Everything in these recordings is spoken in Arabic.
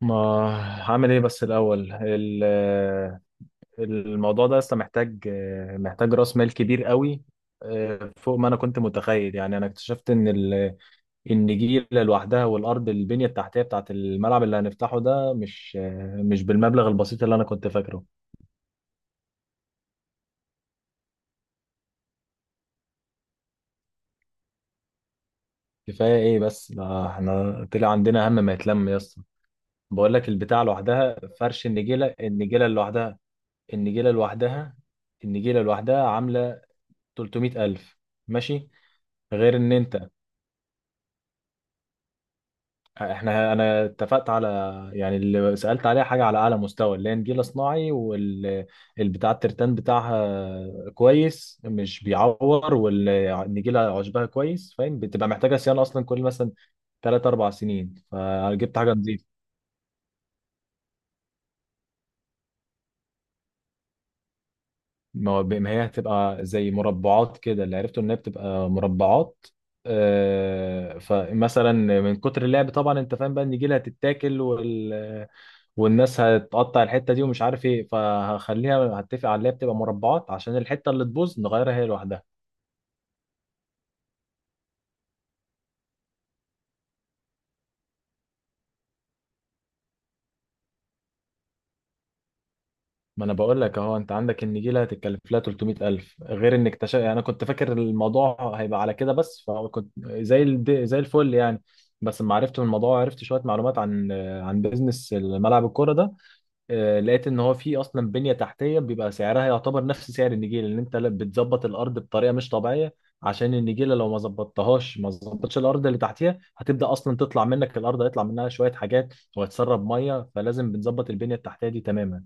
ما هعمل ايه بس الاول الموضوع ده لسه محتاج محتاج راس مال كبير قوي. فوق ما انا كنت متخيل. يعني انا اكتشفت ان النجيله لوحدها والارض البنيه التحتيه بتاعت الملعب اللي هنفتحه ده مش مش بالمبلغ البسيط اللي انا كنت فاكره. كفايه ايه؟ بس ده احنا طلع عندنا هم ما يتلم يا اسطى. بقول لك البتاع لوحدها، فرش النجيله، النجيله لوحدها النجيله لوحدها عامله 300000. ماشي، غير ان انت انا اتفقت على، يعني اللي سألت عليها، حاجة على اعلى مستوى، اللي هي نجيلة صناعي والبتاع الترتان بتاعها كويس مش بيعور، والنجيلة عشبها كويس فاهم، بتبقى محتاجة صيانة اصلا كل مثلا 3 4 سنين، فجبت حاجة نظيفة. ما هي هتبقى زي مربعات كده، اللي عرفته ان هي بتبقى مربعات. فمثلا من كتر اللعب طبعا انت فاهم بقى النجيلة هتتاكل، والناس هتقطع الحته دي ومش عارف ايه، فهخليها هتفق عليها بتبقى مربعات عشان الحته اللي تبوظ نغيرها هي لوحدها. ما انا بقول لك اهو، انت عندك النجيله هتتكلف لها 300000 غير انك يعني انا كنت فاكر الموضوع هيبقى على كده بس، فكنت زي الفل يعني. بس لما عرفت من الموضوع، عرفت شويه معلومات عن بيزنس ملعب الكوره ده. لقيت ان هو في اصلا بنيه تحتيه بيبقى سعرها يعتبر نفس سعر النجيله، لان انت بتظبط الارض بطريقه مش طبيعيه. عشان النجيله لو ما ظبطتهاش، ما ظبطتش الارض اللي تحتيها هتبدا اصلا تطلع منك الارض، هيطلع منها شويه حاجات وهتسرب ميه، فلازم بنظبط البنيه التحتيه دي تماما.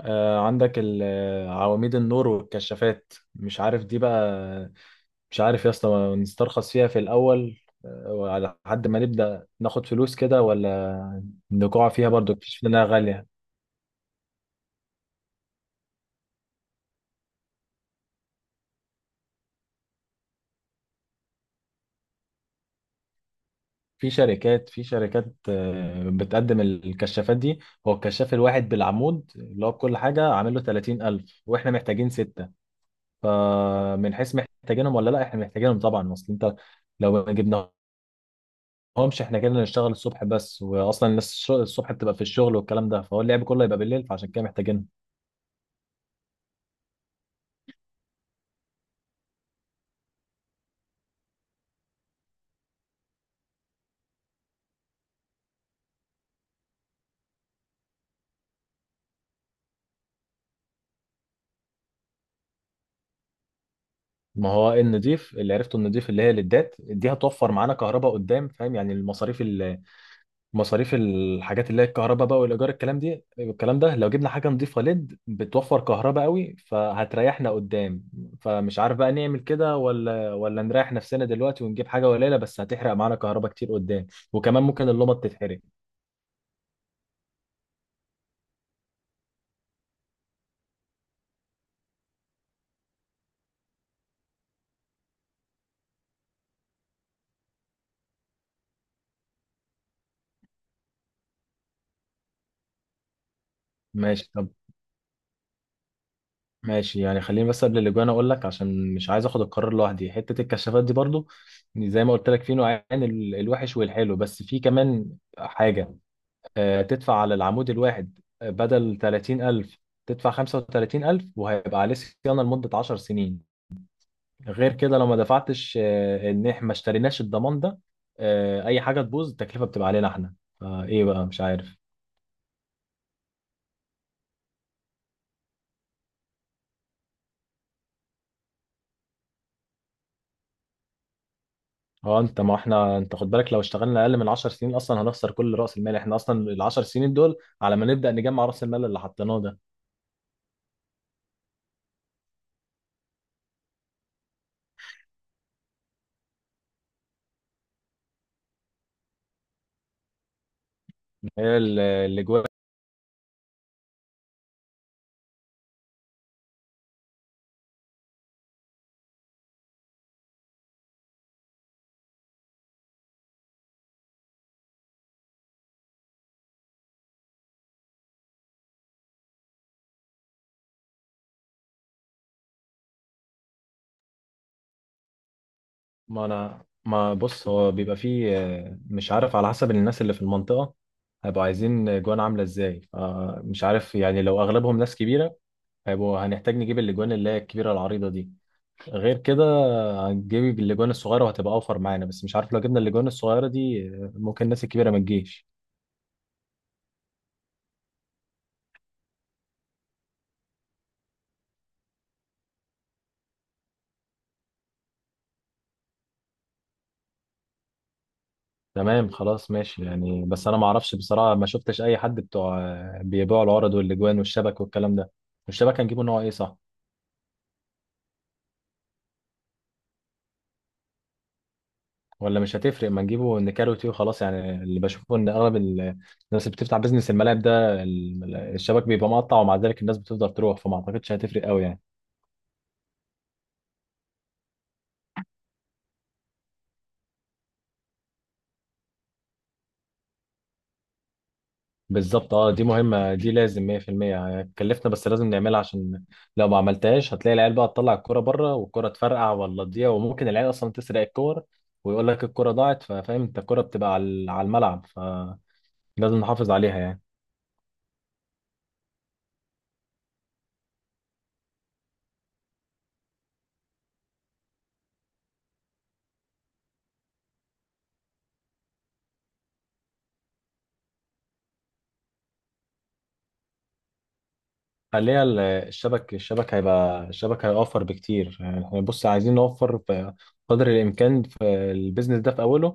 عندك عواميد النور والكشافات، مش عارف دي بقى، مش عارف يا اسطى نسترخص فيها في الاول، وعلى حد ما نبدا ناخد فلوس كده، ولا نقع فيها برضو اكتشفنا انها غاليه. في شركات بتقدم الكشافات دي. هو الكشاف الواحد بالعمود اللي هو بكل حاجة عامل له 30000، واحنا محتاجين ستة. فمن حيث محتاجينهم ولا لا، احنا محتاجينهم طبعا. اصل انت لو ما جبناهمش، احنا كده نشتغل الصبح بس، واصلا الناس الصبح بتبقى في الشغل والكلام ده، فهو اللعب كله يبقى بالليل، فعشان كده محتاجينهم. ما هو النضيف اللي عرفته، النضيف اللي هي الليدات دي، هتوفر معانا كهرباء قدام فاهم، يعني المصاريف، مصاريف الحاجات اللي هي الكهرباء بقى والايجار الكلام ده، لو جبنا حاجه نضيفه ليد بتوفر كهرباء قوي فهتريحنا قدام. فمش عارف بقى نعمل كده، ولا نريح نفسنا دلوقتي ونجيب حاجه قليله بس هتحرق معانا كهرباء كتير قدام، وكمان ممكن اللمبه تتحرق. ماشي. طب ماشي، يعني خليني بس قبل الاجوان اقول لك، عشان مش عايز اخد القرار لوحدي، حته الكشافات دي برضو، زي ما قلت لك في نوعين، الوحش والحلو، بس في كمان حاجه، تدفع على العمود الواحد، بدل 30000 تدفع 35000، وهيبقى عليه صيانة لمدة 10 سنين. غير كده لو ما دفعتش، ان احنا ما اشتريناش الضمان ده، اي حاجة تبوظ التكلفة بتبقى علينا احنا. فايه بقى؟ مش عارف. اه. انت ما احنا انت خد بالك، لو اشتغلنا اقل من 10 سنين اصلا هنخسر كل راس المال. احنا اصلا ال 10 سنين دول على ما نبدأ نجمع راس المال اللي حطيناه ده. هي اللي جوه. ما انا ما بص هو بيبقى فيه، مش عارف على حسب الناس اللي في المنطقة هيبقوا عايزين جوان عاملة ازاي. فمش عارف يعني، لو اغلبهم ناس كبيرة، هنحتاج نجيب الاجوان اللي هي الكبيرة العريضة دي. غير كده هنجيب الاجوان الصغيرة وهتبقى اوفر معانا، بس مش عارف لو جبنا الاجوان الصغيرة دي، ممكن الناس الكبيرة ما تجيش. تمام خلاص ماشي يعني، بس انا ما اعرفش بصراحة، ما شفتش اي حد بتوع بيبيعوا العرض والاجوان والشبك والكلام ده. الشبك هنجيبه نوع ايه؟ صح ولا مش هتفرق؟ ما نجيبه نكاروتي وخلاص، يعني اللي بشوفه ان اغلب الناس اللي بتفتح بيزنس الملاعب ده، الشبك بيبقى مقطع ومع ذلك الناس بتفضل تروح، فما اعتقدش هتفرق قوي يعني. بالظبط، اه، دي مهمة، دي لازم 100%. هتكلفنا بس لازم نعملها، عشان لو ما عملتهاش هتلاقي العيال بقى تطلع الكرة بره والكرة تفرقع ولا تضيع، وممكن العيال اصلا تسرق الكور ويقول لك الكرة ضاعت. ففاهم انت الكرة بتبقى على الملعب، فلازم نحافظ عليها يعني. خليها الشبك هيبقى، الشبك هيوفر بكتير. يعني احنا بص عايزين نوفر في قدر الامكان في البيزنس ده في اوله،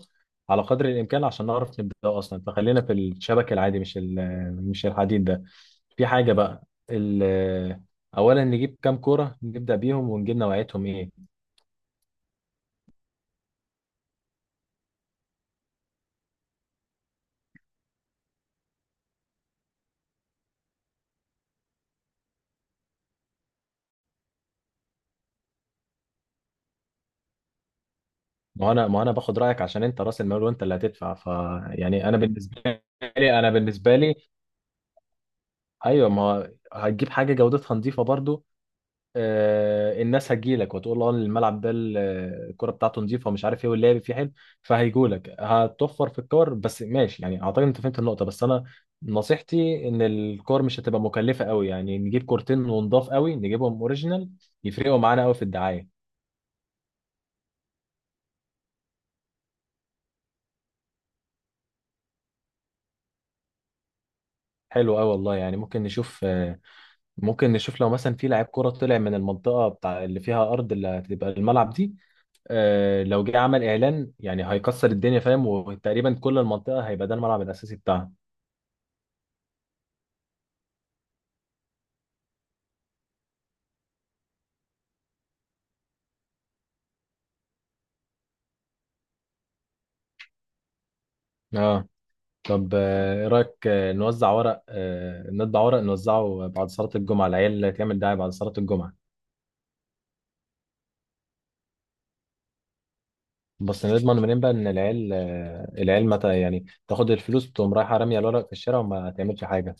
على قدر الامكان، عشان نعرف نبدا اصلا. فخلينا في الشبك العادي، مش الحديد ده. في حاجه بقى، ال- اولا نجيب كام كوره نبدا بيهم ونجيب نوعيتهم ايه؟ ما هو انا باخد رايك عشان انت راس المال وانت اللي هتدفع. يعني انا بالنسبه لي، ايوه. ما هو هتجيب حاجه جودتها نظيفه برضو، الناس هتجيلك وتقول له اه، الملعب ده الكرة بتاعته نظيفة ومش عارف ايه، واللعب فيه حلو. فهيجولك هتوفر في الكور، بس ماشي يعني اعتقد انت فهمت النقطة. بس انا نصيحتي ان الكور مش هتبقى مكلفة قوي، يعني نجيب كورتين ونضاف قوي، نجيبهم اوريجينال يفرقوا معانا قوي في الدعاية. حلو قوي والله، يعني ممكن نشوف، لو مثلا في لاعب كرة طلع من المنطقة بتاع اللي فيها أرض اللي هتبقى الملعب دي، لو جه عمل إعلان يعني هيكسر الدنيا فاهم، وتقريبا كل المنطقة هيبقى ده الملعب الأساسي بتاعها. اه. طب ايه رايك، نوزع ورق آه، نطبع ورق نوزعه بعد صلاه الجمعه، العيال تعمل دعايه بعد صلاه الجمعه؟ بس نضمن منين بقى ان العيال متى يعني تاخد الفلوس تقوم رايحه راميه الورق في الشارع وما تعملش حاجه؟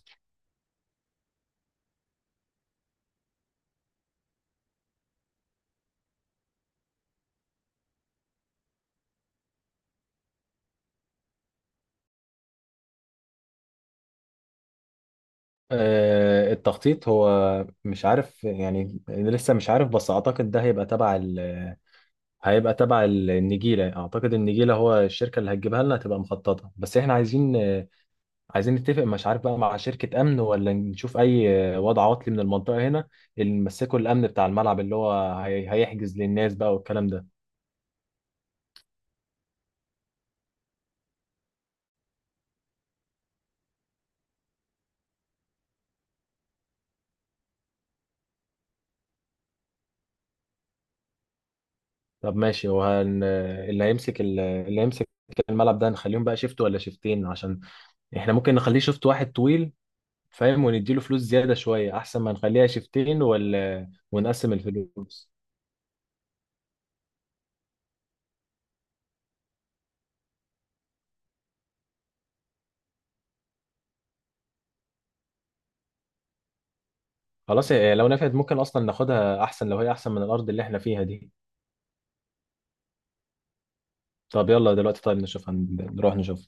التخطيط هو، مش عارف يعني، لسه مش عارف، بس اعتقد ده هيبقى تبع النجيله. اعتقد النجيله، هو الشركه اللي هتجيبها لنا هتبقى مخططه، بس احنا عايزين، نتفق مش عارف بقى مع شركة أمن، ولا نشوف أي وضع عطلي من المنطقة هنا اللي نمسكوا الأمن بتاع الملعب، اللي هو هيحجز للناس بقى والكلام ده. طب ماشي. وهن اللي هيمسك الملعب ده، نخليهم بقى شيفت ولا شيفتين؟ عشان احنا ممكن نخليه شيفت واحد طويل فاهم، ونديله فلوس زيادة شوية أحسن ما نخليها شيفتين ولا ونقسم الفلوس. خلاص، لو نفعت ممكن أصلا ناخدها، أحسن لو هي أحسن من الأرض اللي احنا فيها دي. طب يلا دلوقتي، طيب نشوف، نروح نشوف.